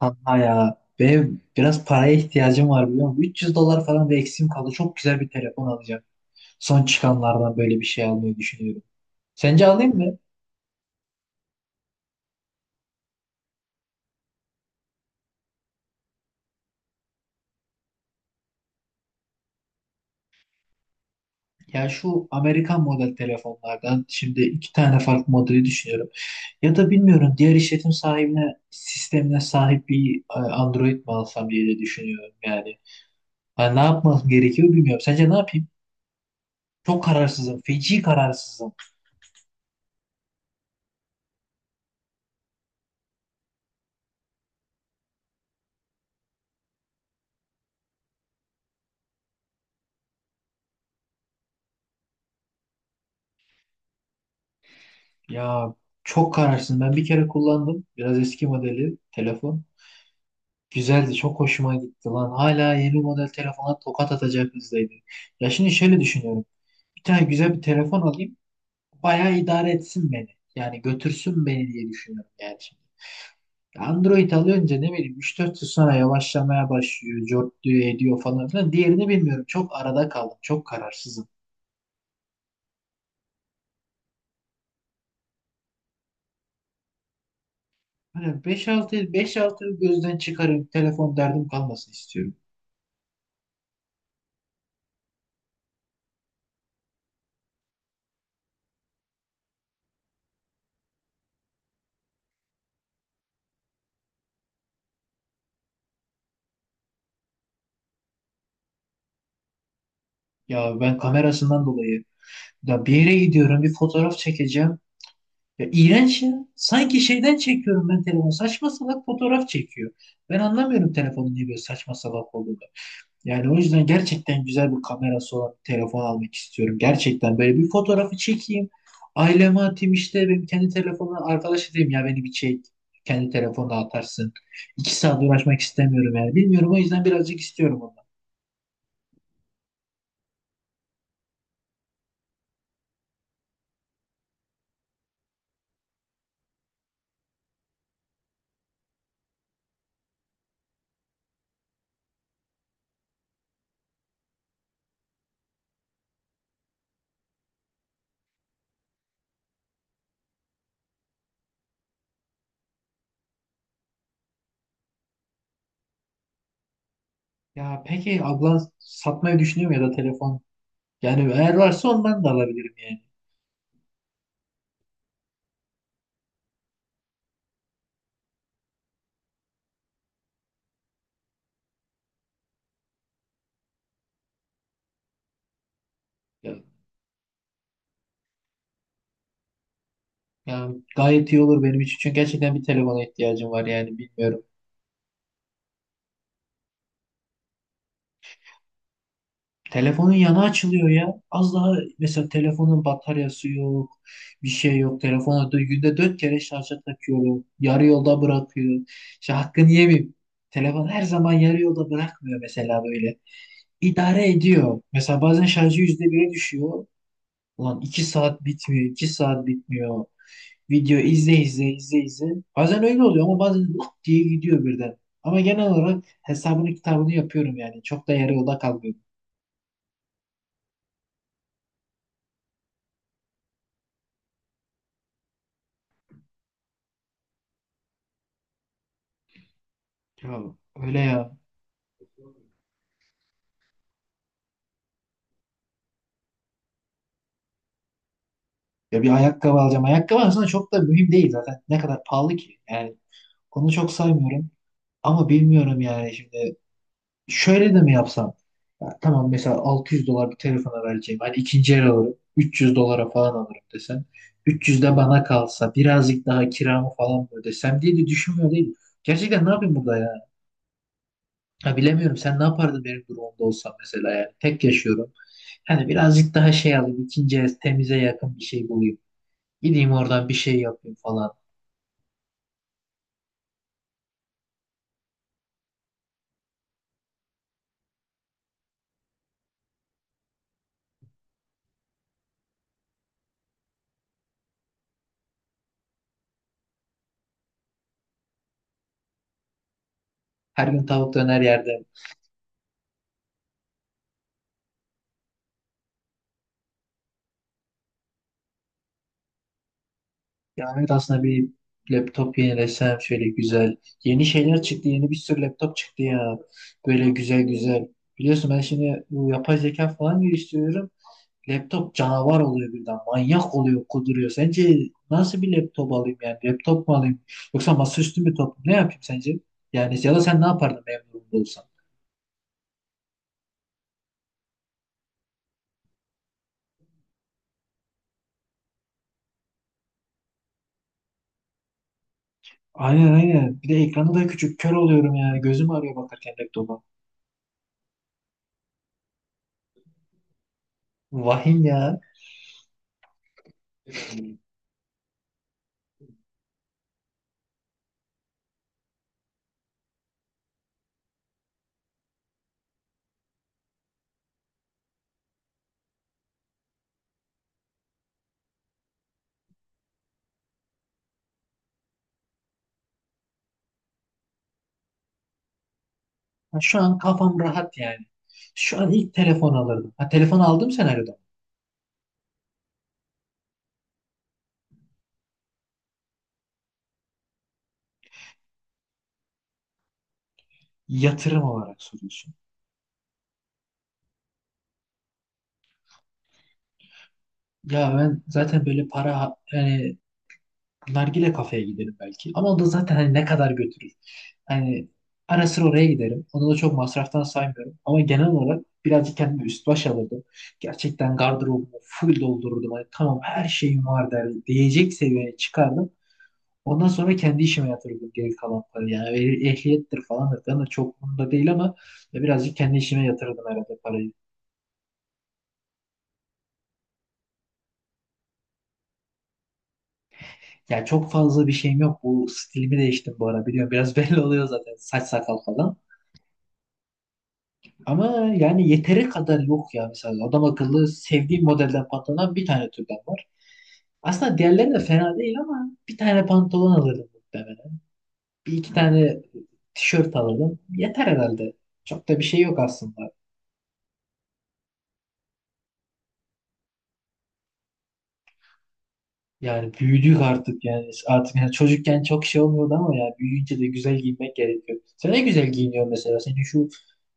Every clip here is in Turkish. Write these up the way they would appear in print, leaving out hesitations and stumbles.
Kanka ya benim biraz paraya ihtiyacım var biliyor musun? 300 dolar falan bir eksiğim kaldı. Çok güzel bir telefon alacağım. Son çıkanlardan böyle bir şey almayı düşünüyorum. Sence alayım mı? Ya şu Amerikan model telefonlardan şimdi iki tane farklı modeli düşünüyorum. Ya da bilmiyorum diğer işletim sahibine sistemine sahip bir Android mi alsam diye de düşünüyorum yani. Ha, ne yapmam gerekiyor bilmiyorum. Sence ne yapayım? Çok kararsızım. Feci kararsızım. Ya çok kararsızım. Ben bir kere kullandım. Biraz eski modeli telefon. Güzeldi, çok hoşuma gitti lan. Hala yeni model telefona tokat atacak hızdaydı. Ya şimdi şöyle düşünüyorum. Bir tane güzel bir telefon alayım, bayağı idare etsin beni. Yani götürsün beni diye düşünüyorum yani şimdi. Android alınca ne bileyim üç dört yıl sonra yavaşlamaya başlıyor, cortluyor, ediyor falan filan. Diğerini bilmiyorum. Çok arada kaldım, çok kararsızım. Hani beş altı yıl, 5-6 yıl gözden çıkarayım, telefon derdim kalmasın istiyorum. Ya ben kamerasından dolayı ya bir yere gidiyorum, bir fotoğraf çekeceğim. Ya iğrenç ya. Sanki şeyden çekiyorum ben telefonu. Saçma salak fotoğraf çekiyor. Ben anlamıyorum telefonun niye böyle saçma salak olduğunu. Yani o yüzden gerçekten güzel bir kamerası olan bir telefon almak istiyorum. Gerçekten böyle bir fotoğrafı çekeyim. Aileme atayım işte benim kendi telefonuma arkadaş diyeyim ya beni bir çek. Kendi telefonuna atarsın. İki saat uğraşmak istemiyorum yani. Bilmiyorum o yüzden birazcık istiyorum ondan. Ya peki ablan satmayı düşünüyor mu ya da telefon? Yani eğer varsa ondan da alabilirim yani. Ya, ya gayet iyi olur benim için. Çünkü gerçekten bir telefona ihtiyacım var yani bilmiyorum. Telefonun yanı açılıyor ya. Az daha mesela telefonun bataryası yok. Bir şey yok. Telefonu da günde dört kere şarja takıyorum. Yarı yolda bırakıyor. İşte hakkını yemeyeyim. Telefon her zaman yarı yolda bırakmıyor mesela böyle. İdare ediyor. Mesela bazen şarjı %1'e düşüyor. Ulan 2 saat bitmiyor, 2 saat bitmiyor. Video izle izle izle izle. Bazen öyle oluyor ama bazen lap diye gidiyor birden. Ama genel olarak hesabını kitabını yapıyorum yani. Çok da yarı yolda kalmıyorum. Ya öyle ya. Ya bir ayakkabı alacağım. Ayakkabı aslında çok da mühim değil zaten. Ne kadar pahalı ki. Yani onu çok saymıyorum. Ama bilmiyorum yani şimdi. Şöyle de mi yapsam? Ya tamam mesela 600 dolar bir telefona vereceğim. Hani ikinci el alırım. 300 dolara falan alırım desen. 300 de bana kalsa birazcık daha kiramı falan mı ödesem diye de düşünmüyor değil. Gerçekten ne yapayım burada ya? Ha, bilemiyorum sen ne yapardın benim durumumda olsan mesela yani. Tek yaşıyorum. Hani birazcık daha şey alayım. İkinci el temize yakın bir şey bulayım. Gideyim oradan bir şey yapayım falan. Her gün tavuk döner yerde. Ya evet aslında bir laptop yenilesem şöyle güzel. Yeni şeyler çıktı. Yeni bir sürü laptop çıktı ya. Böyle güzel güzel. Biliyorsun ben şimdi bu yapay zeka falan geliştiriyorum. Laptop canavar oluyor birden. Manyak oluyor, kuduruyor. Sence nasıl bir laptop alayım yani? Laptop mu alayım? Yoksa masaüstü mü top? Ne yapayım sence? Yani ya da sen ne yapardın memnun durumda olsan? Aynen aynen. Bir de ekranı da küçük. Kör oluyorum yani. Gözüm ağrıyor bakarken laptopa. Vahim ya. Ha, şu an kafam rahat yani. Şu an ilk telefon alırdım. Ha, telefon aldığım senaryoda. Mı? Yatırım olarak soruyorsun. Ya ben zaten böyle para yani nargile kafeye giderim belki. Ama o da zaten hani ne kadar götürür. Hani ara sıra oraya giderim. Onu da çok masraftan saymıyorum. Ama genel olarak birazcık kendime üst baş alırdım. Gerçekten gardırobumu full doldururdum. Hani tamam her şeyim var derdim. Diyecek seviyeye çıkardım. Ondan sonra kendi işime yatırdım geri kalan parayı. Yani ehliyettir falandır falan da çok bunda değil ama ya birazcık kendi işime yatırdım herhalde parayı. Ya çok fazla bir şeyim yok. Bu stilimi değiştim bu ara biliyorum. Biraz belli oluyor zaten saç sakal falan. Ama yani yeteri kadar yok ya mesela. Adam akıllı sevdiğim modelden pantolon bir tane türden var. Aslında diğerleri de fena değil ama bir tane pantolon alırdım muhtemelen. Bir iki tane tişört alırdım. Yeter herhalde. Çok da bir şey yok aslında. Yani büyüdük artık yani. Artık yani çocukken çok şey olmuyordu ama ya büyüyünce de güzel giyinmek gerekiyor. Sen ne güzel giyiniyorsun mesela. Senin şu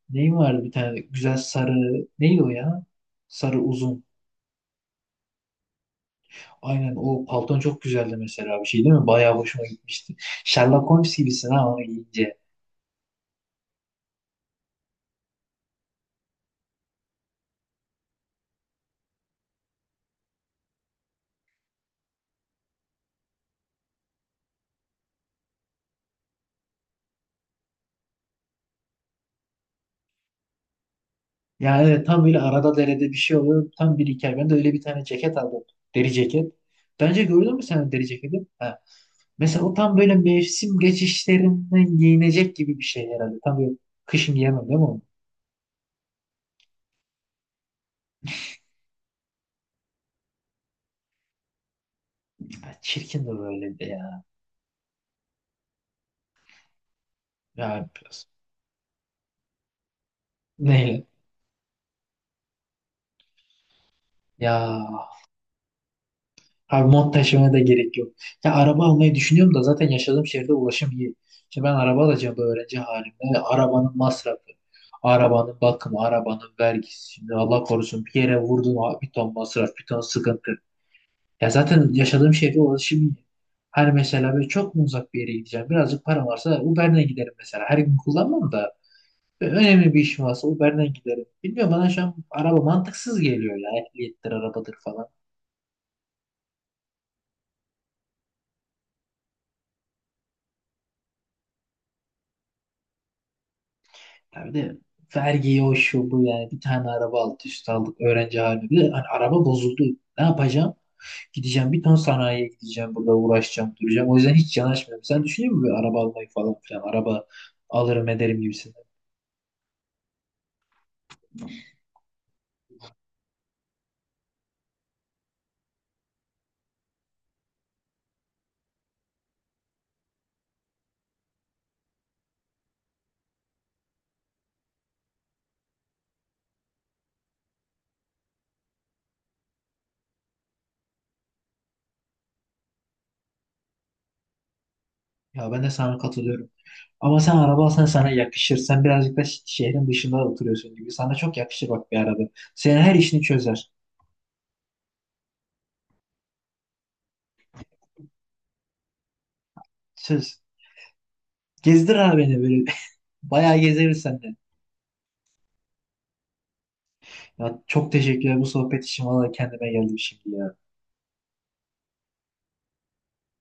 neyin vardı bir tane güzel sarı neydi o ya? Sarı uzun. Aynen o palton çok güzeldi mesela bir şey değil mi? Bayağı hoşuma gitmişti. Sherlock Holmes gibisin ha onu giyince. Yani evet, tam böyle arada derede bir şey oluyor. Tam bir hikaye. Ben de öyle bir tane ceket aldım. Deri ceket. Bence gördün mü sen o deri ceketi? Ha. Mesela o tam böyle mevsim geçişlerinden giyinecek gibi bir şey herhalde. Tam böyle kışın giyemem değil mi onu? Ya çirkin de böyle de ya. Ya biraz. Neyle? Ya abi mont taşımaya da gerek yok. Ya araba almayı düşünüyorum da zaten yaşadığım şehirde ulaşım iyi. Şimdi ben araba alacağım bu öğrenci halimde. Arabanın masrafı. Arabanın bakımı, arabanın vergisi. Şimdi Allah korusun bir yere vurdun abi bir ton masraf, bir ton sıkıntı. Ya zaten yaşadığım şehre ulaşım iyi. Hani mesela böyle çok mu uzak bir yere gideceğim? Birazcık param varsa Uber'den giderim mesela. Her gün kullanmam da böyle önemli bir işim varsa Uber'den giderim. Bilmiyorum bana şu an araba mantıksız geliyor ya. Ehliyettir, arabadır falan. Ya bir de vergiyi o şu bu yani. Bir tane araba alt üst aldık öğrenci halinde. Bir de hani araba bozuldu. Ne yapacağım? Gideceğim bir ton sanayiye gideceğim. Burada uğraşacağım, duracağım. O yüzden hiç yanaşmıyorum. Sen düşünüyor musun böyle araba almayı falan filan? Araba alırım ederim gibisinden. Ya ben de sana katılıyorum. Ama sen araba alsan sana yakışır. Sen birazcık da şehrin dışında oturuyorsun gibi. Sana çok yakışır bak bir araba. Senin her işini çözer. Söz. Gezdir abi beni böyle. Bayağı gezeriz seninle. Ya çok teşekkürler bu sohbet için. Vallahi kendime geldim şimdi ya.